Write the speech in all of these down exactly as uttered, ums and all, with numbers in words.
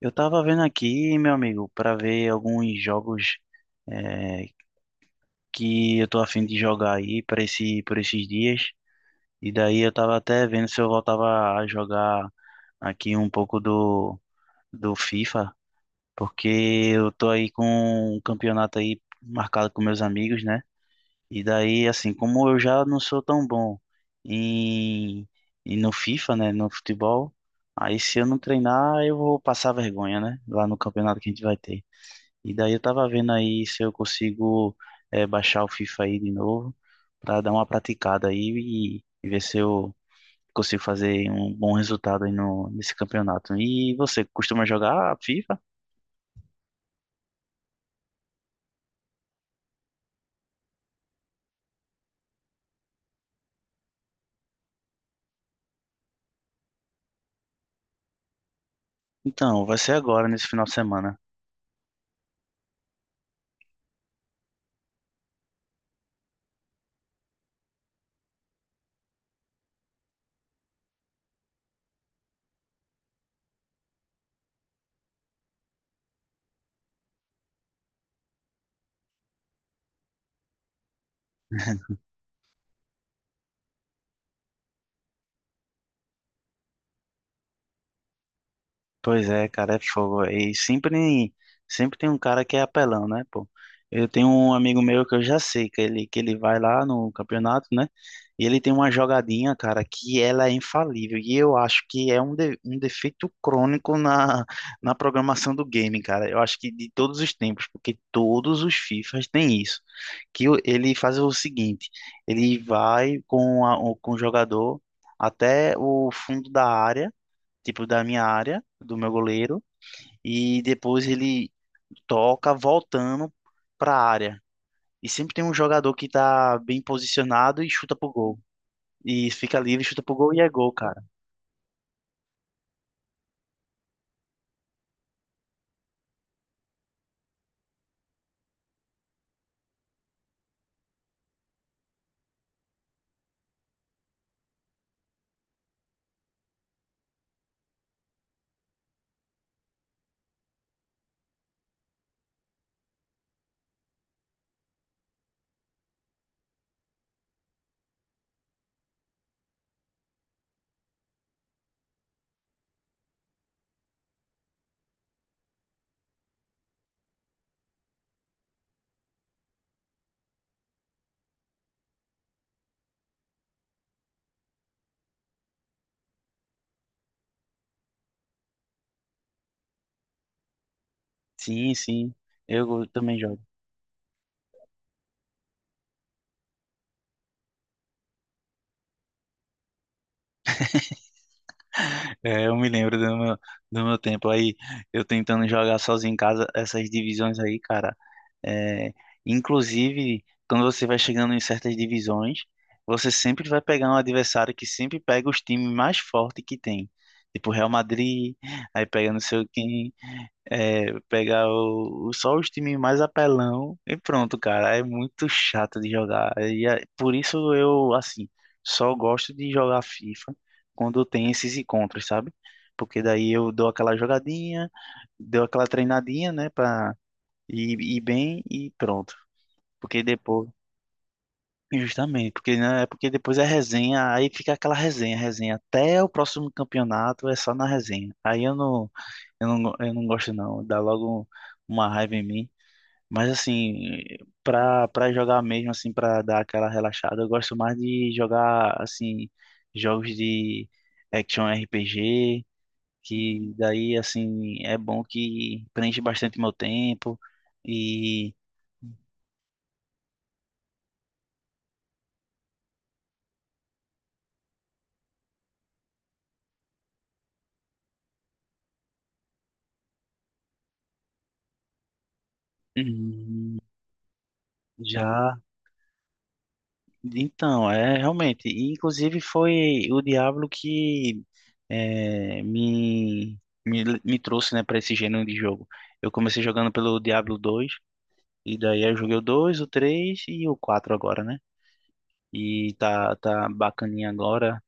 Eu tava vendo aqui, meu amigo, para ver alguns jogos, eh, que eu tô afim de jogar aí para esse, por esses dias. E daí eu tava até vendo se eu voltava a jogar aqui um pouco do, do FIFA, porque eu tô aí com um campeonato aí marcado com meus amigos, né? E daí, assim, como eu já não sou tão bom em, em no FIFA, né, no futebol, aí se eu não treinar, eu vou passar vergonha, né, lá no campeonato que a gente vai ter. E daí eu tava vendo aí se eu consigo eh, baixar o FIFA aí de novo para dar uma praticada aí e, e ver se eu consigo fazer um bom resultado aí no, nesse campeonato. E você costuma jogar FIFA? Então, vai ser agora, nesse final de semana. Pois é, cara, é fogo. E sempre, sempre tem um cara que é apelão, né, pô? Eu tenho um amigo meu que eu já sei que ele, que ele vai lá no campeonato, né? E ele tem uma jogadinha, cara, que ela é infalível. E eu acho que é um, de, um defeito crônico na, na programação do game, cara. Eu acho que de todos os tempos, porque todos os FIFAs têm isso. Que o- ele faz o seguinte, ele vai com, a, o- com o jogador até o fundo da área, tipo, da minha área, do meu goleiro, e depois ele toca voltando para a área. E sempre tem um jogador que tá bem posicionado e chuta pro gol. E fica livre, chuta pro gol e é gol, cara. Sim, sim. Eu também jogo. É, eu me lembro do meu, do meu tempo aí, eu tentando jogar sozinho em casa essas divisões aí, cara. É, inclusive, quando você vai chegando em certas divisões, você sempre vai pegar um adversário que sempre pega os times mais fortes que tem. Tipo Real Madrid, aí pega não sei quem, é, pega o, o- só os times mais apelão e pronto, cara. É muito chato de jogar. E é, por isso eu, assim, só gosto de jogar FIFA quando tem esses encontros, sabe? Porque daí eu dou aquela jogadinha, dou aquela treinadinha, né, pra ir, ir bem e pronto. Porque depois, justamente, porque né, é porque depois é resenha, aí fica aquela resenha, resenha até o próximo campeonato é só na resenha. Aí eu não, eu não, eu não gosto não, dá logo uma raiva em mim. Mas assim, pra, pra jogar mesmo, assim, pra dar aquela relaxada, eu gosto mais de jogar, assim, jogos de action R P G, que daí assim é bom que preenche bastante meu tempo e hum, já então é realmente e, inclusive foi o Diablo que é, me, me me trouxe, né, para esse gênero de jogo. Eu comecei jogando pelo Diablo dois, e daí eu joguei o dois, o três e o quatro agora, né. E tá tá bacaninha agora.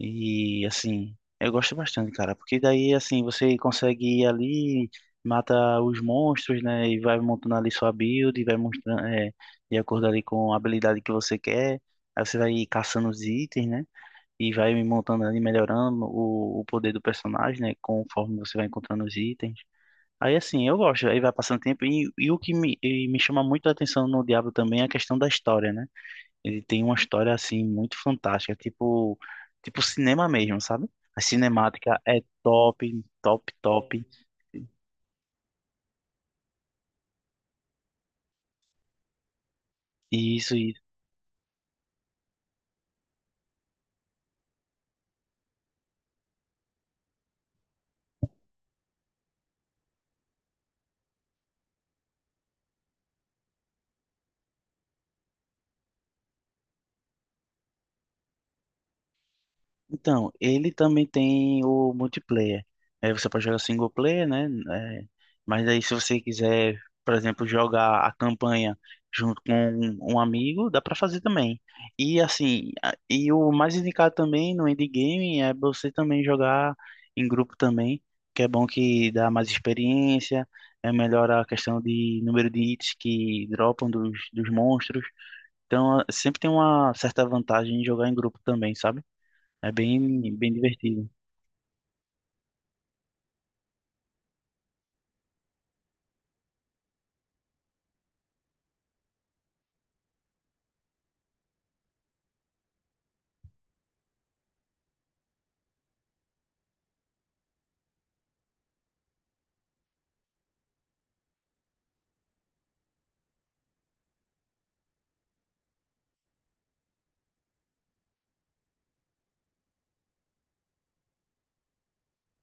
E assim, eu gosto bastante, cara, porque daí assim você consegue ir ali, mata os monstros, né? E vai montando ali sua build, e vai mostrando, é, de acordo ali com a habilidade que você quer. Aí você vai caçando os itens, né? E vai montando ali, melhorando o, o poder do personagem, né? Conforme você vai encontrando os itens. Aí assim, eu gosto, aí vai passando tempo. E, e o que me, e me chama muito a atenção no Diablo também é a questão da história, né? Ele tem uma história assim muito fantástica, tipo, tipo cinema mesmo, sabe? A cinemática é top, top, top. E isso, então, ele também tem o multiplayer. É, você pode jogar single player, né? É, mas aí se você quiser, por exemplo, jogar a campanha junto com um um amigo, dá para fazer também. E assim, a- e o mais indicado também no endgame é você também jogar em grupo também, que é bom que dá mais experiência, é melhor a questão de número de hits que dropam dos, dos monstros. Então, é, sempre tem uma certa vantagem em jogar em grupo também, sabe? É bem, bem divertido.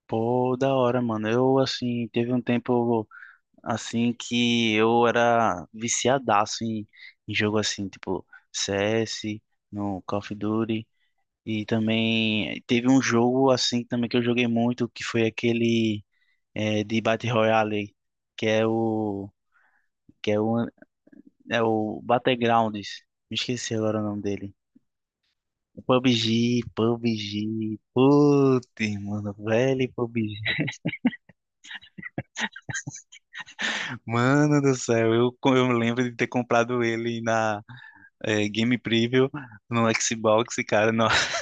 Pô, da hora, mano. Eu, assim, teve um tempo, assim, que eu era viciadaço em, em jogo, assim, tipo C S, no Call of Duty. E também teve um jogo, assim, também que eu joguei muito, que foi aquele eh, de Battle Royale, que é o, que é o, é o Battlegrounds. Me esqueci agora o nome dele. P U B G, P U B G. Putz, mano, velho, P U B G. Mano do céu, eu, co- eu lembro de ter comprado ele na eh, Game Preview no Xbox, cara. No,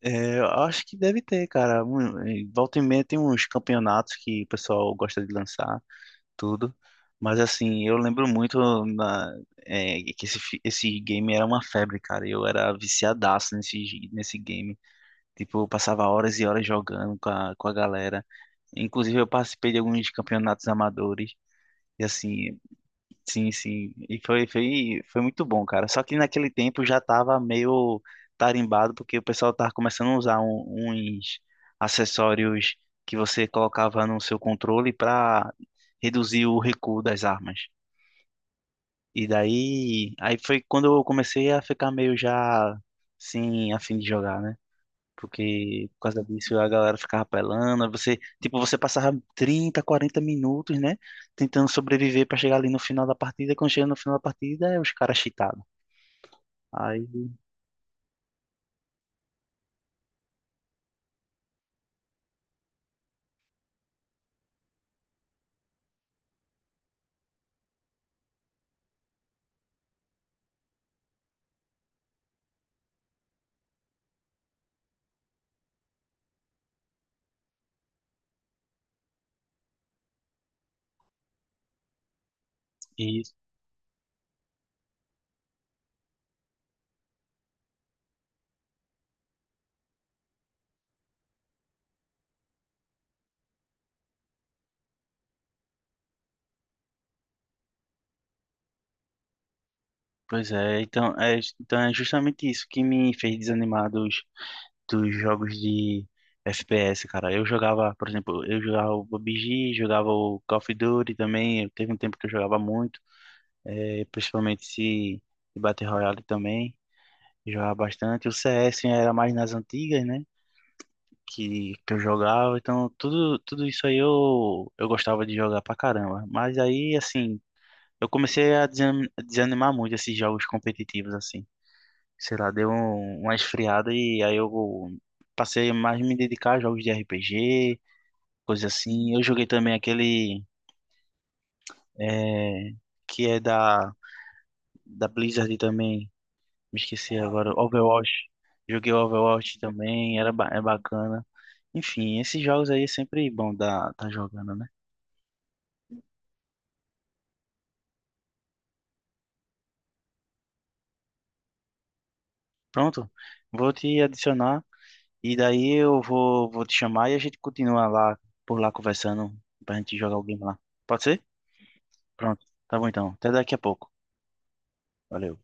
eh, eu acho que deve ter, cara. Um, eh, volta e meia tem uns campeonatos que o pessoal gosta de lançar, tudo. Mas assim, eu lembro muito na, eh, que esse, fi- esse game era uma febre, cara. Eu era viciadaço nesse, gi- nesse game. Tipo, eu passava horas e horas jogando com a, com a galera. Inclusive, eu participei de alguns campeonatos amadores. E assim, sim, sim. E foi, foi, foi muito bom, cara. Só que naquele tempo já tava meio tarimbado, porque o pessoal tava começando a usar um- uns acessórios que você colocava no seu controle para reduzir o recuo das armas. E daí, aí foi quando eu comecei a ficar meio já sem a fim de jogar, né? Porque por causa disso a galera ficava apelando, aí você, tipo, você passava trinta quarenta minutos, né, tentando sobreviver pra chegar ali no final da partida, e quando chega no final da partida, é os caras cheatados. Aí, isso, pois é, então é, então é justamente isso que me fez desanimar dos, dos jogos de F P S, cara. Eu jogava, por exemplo, eu jogava o P U B G, jogava o Call of Duty também, teve um tempo que eu jogava muito, é, principalmente se de Battle Royale também. Jogava bastante. O C S era mais nas antigas, né? Que, que eu jogava. Então, tudo, tudo isso aí eu, eu gostava de jogar pra caramba. Mas aí, assim, eu comecei a desani- desanimar muito esses jogos competitivos, assim. Sei lá, deu um- uma esfriada e aí eu passei mais a me dedicar a jogos de R P G, coisa assim. Eu joguei também aquele eh, que é da, da Blizzard também. Me esqueci agora. Overwatch. Joguei Overwatch também, era ba- é bacana. Enfim, esses jogos aí é sempre bom dar tá jogando, né? Pronto, vou te adicionar e daí eu vou, vou te chamar e a gente continua lá por lá conversando pra gente jogar o game lá. Pode ser? Pronto, tá bom então. Até daqui a pouco. Valeu.